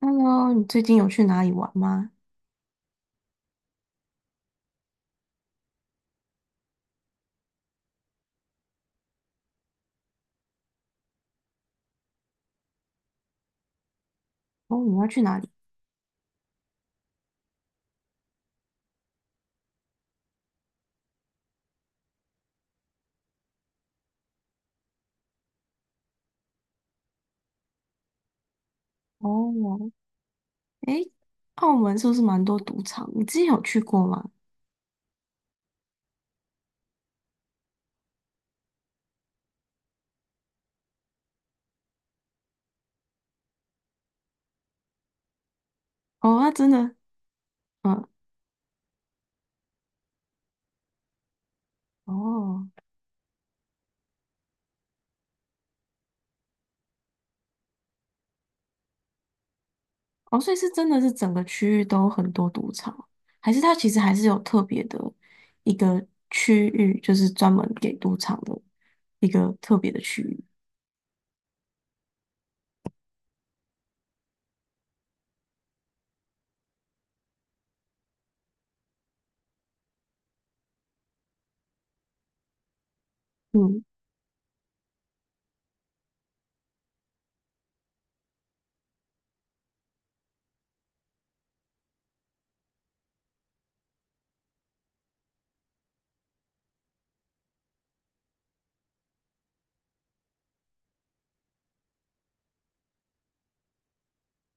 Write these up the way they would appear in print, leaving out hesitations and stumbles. Hello，你最近有去哪里玩吗？哦，你要去哪里？哦，诶，澳门是不是蛮多赌场？你之前有去过吗？哦，那真的，嗯，哦，哦，所以是真的是整个区域都很多赌场，还是它其实还是有特别的一个区域，就是专门给赌场的一个特别的区域？嗯，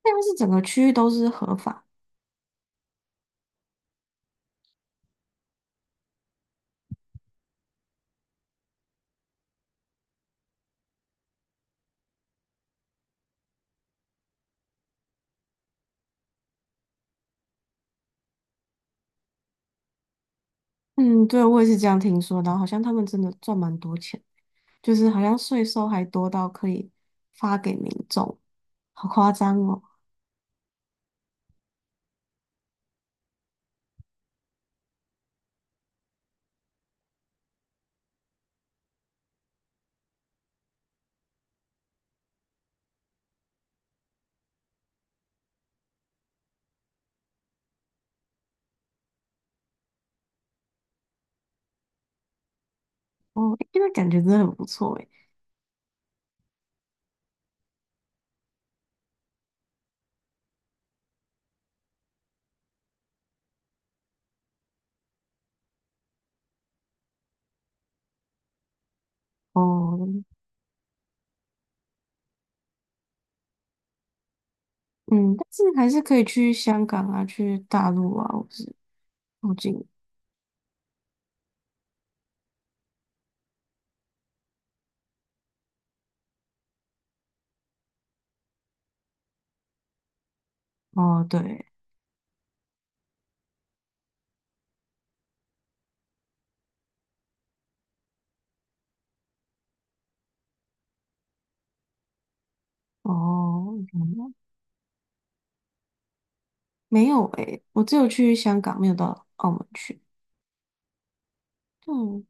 那要是整个区域都是合法，嗯，对，我也是这样听说的，然后好像他们真的赚蛮多钱。就是好像税收还多到可以发给民众，好夸张哦！哦，诶那感觉真的很不错诶。哦，嗯，但是还是可以去香港啊，去大陆啊，或是附近。哦，对，哦，嗯没有诶，我只有去香港，没有到澳门去。嗯，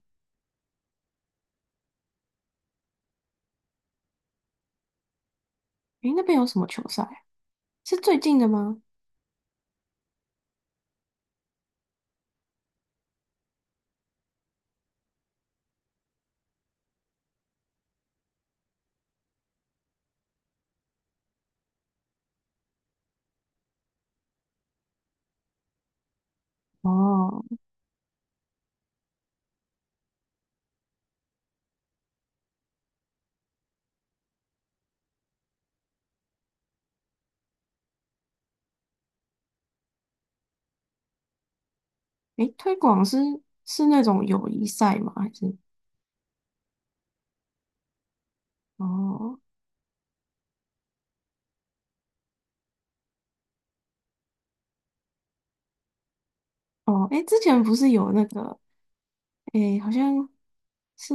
诶，那边有什么球赛啊是最近的吗？哦，诶，推广是是那种友谊赛吗？还是？哦哦，诶，之前不是有那个诶，好像是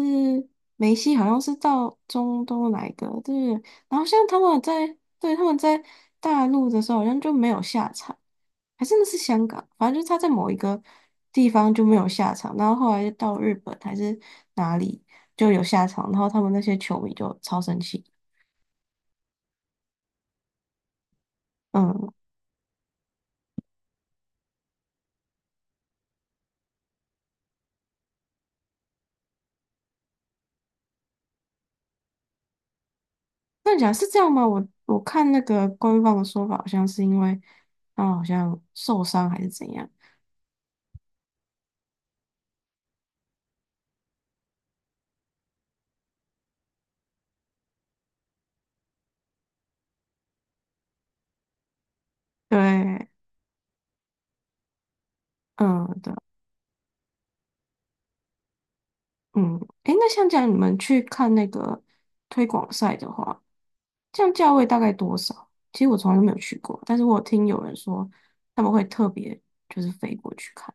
梅西，好像是到中东来的，对不对？然后像他们在，对，他们在大陆的时候，好像就没有下场，还真的是香港，反正就是他在某一个地方就没有下场，然后后来就到日本还是哪里就有下场，然后他们那些球迷就超生气。嗯，那你讲是这样吗？我看那个官方的说法，好像是因为他们好像受伤还是怎样。对，嗯，对。嗯，诶，那像这样你们去看那个推广赛的话，这样价位大概多少？其实我从来都没有去过，但是我有听有人说他们会特别就是飞过去看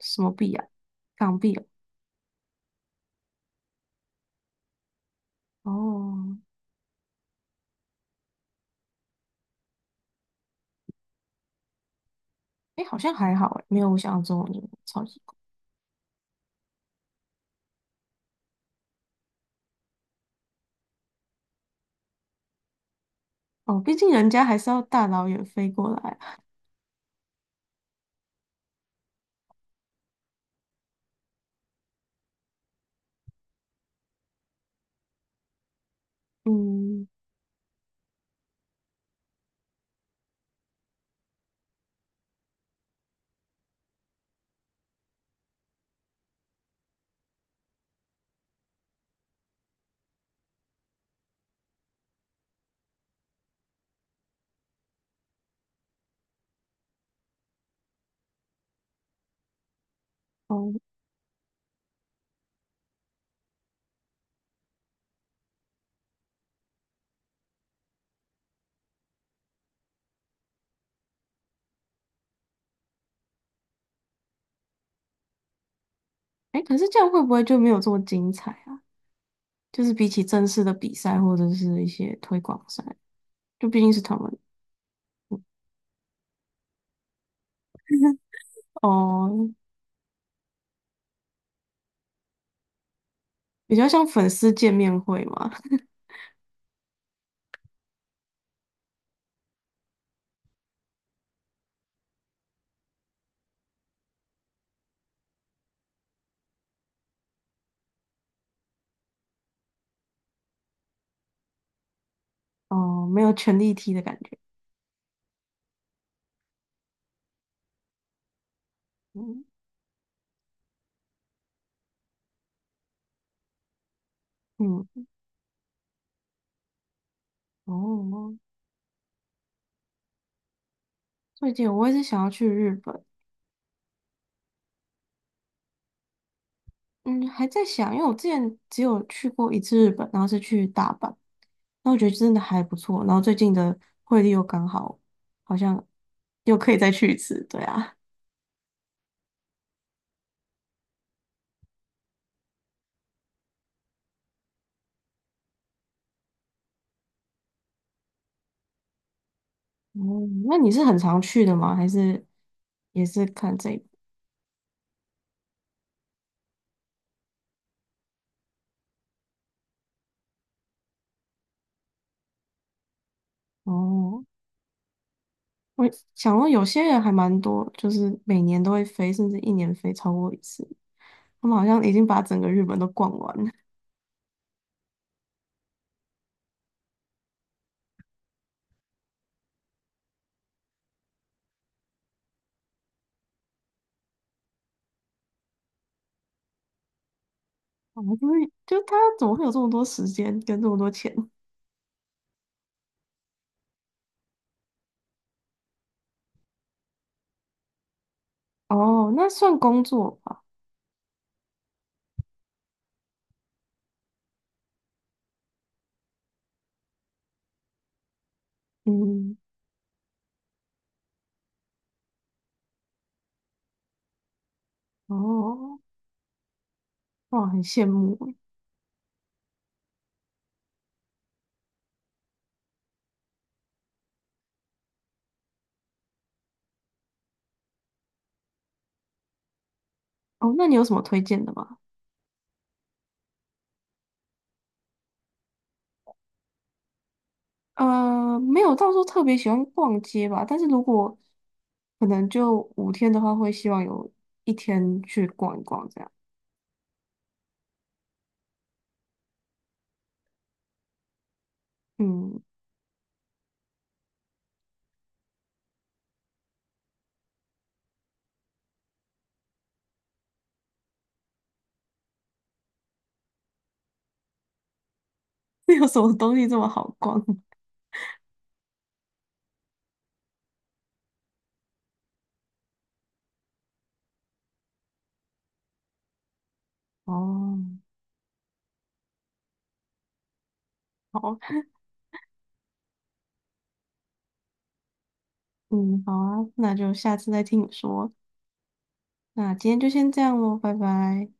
什么币啊，港币啊哦，诶，好像还好诶，没有我想象中的那么超级贵哦，毕竟人家还是要大老远飞过来啊嗯，哦，诶，可是这样会不会就没有这么精彩啊？就是比起正式的比赛或者是一些推广赛，就毕竟是他们哦。比较像粉丝见面会嘛，哦，没有权力踢的感觉。嗯嗯，哦，最近我也是想要去日本，嗯，还在想，因为我之前只有去过一次日本，然后是去大阪，那我觉得真的还不错，然后最近的汇率又刚好，好像又可以再去一次，对啊。哦，那你是很常去的吗？还是也是看这个？哦，我想说有些人还蛮多，就是每年都会飞，甚至一年飞超过一次。他们好像已经把整个日本都逛完了。啊，就是就他怎么会有这么多时间跟这么多钱？哦，那算工作吧。嗯，哦，哇，很羡慕欸。哦，那你有什么推荐的吗？呃，没有到时候特别喜欢逛街吧，但是如果可能就5天的话，会希望有一天去逛一逛这样。嗯，有什么东西这么好逛？哦，好，嗯，好啊，那就下次再听你说。那今天就先这样喽，拜拜。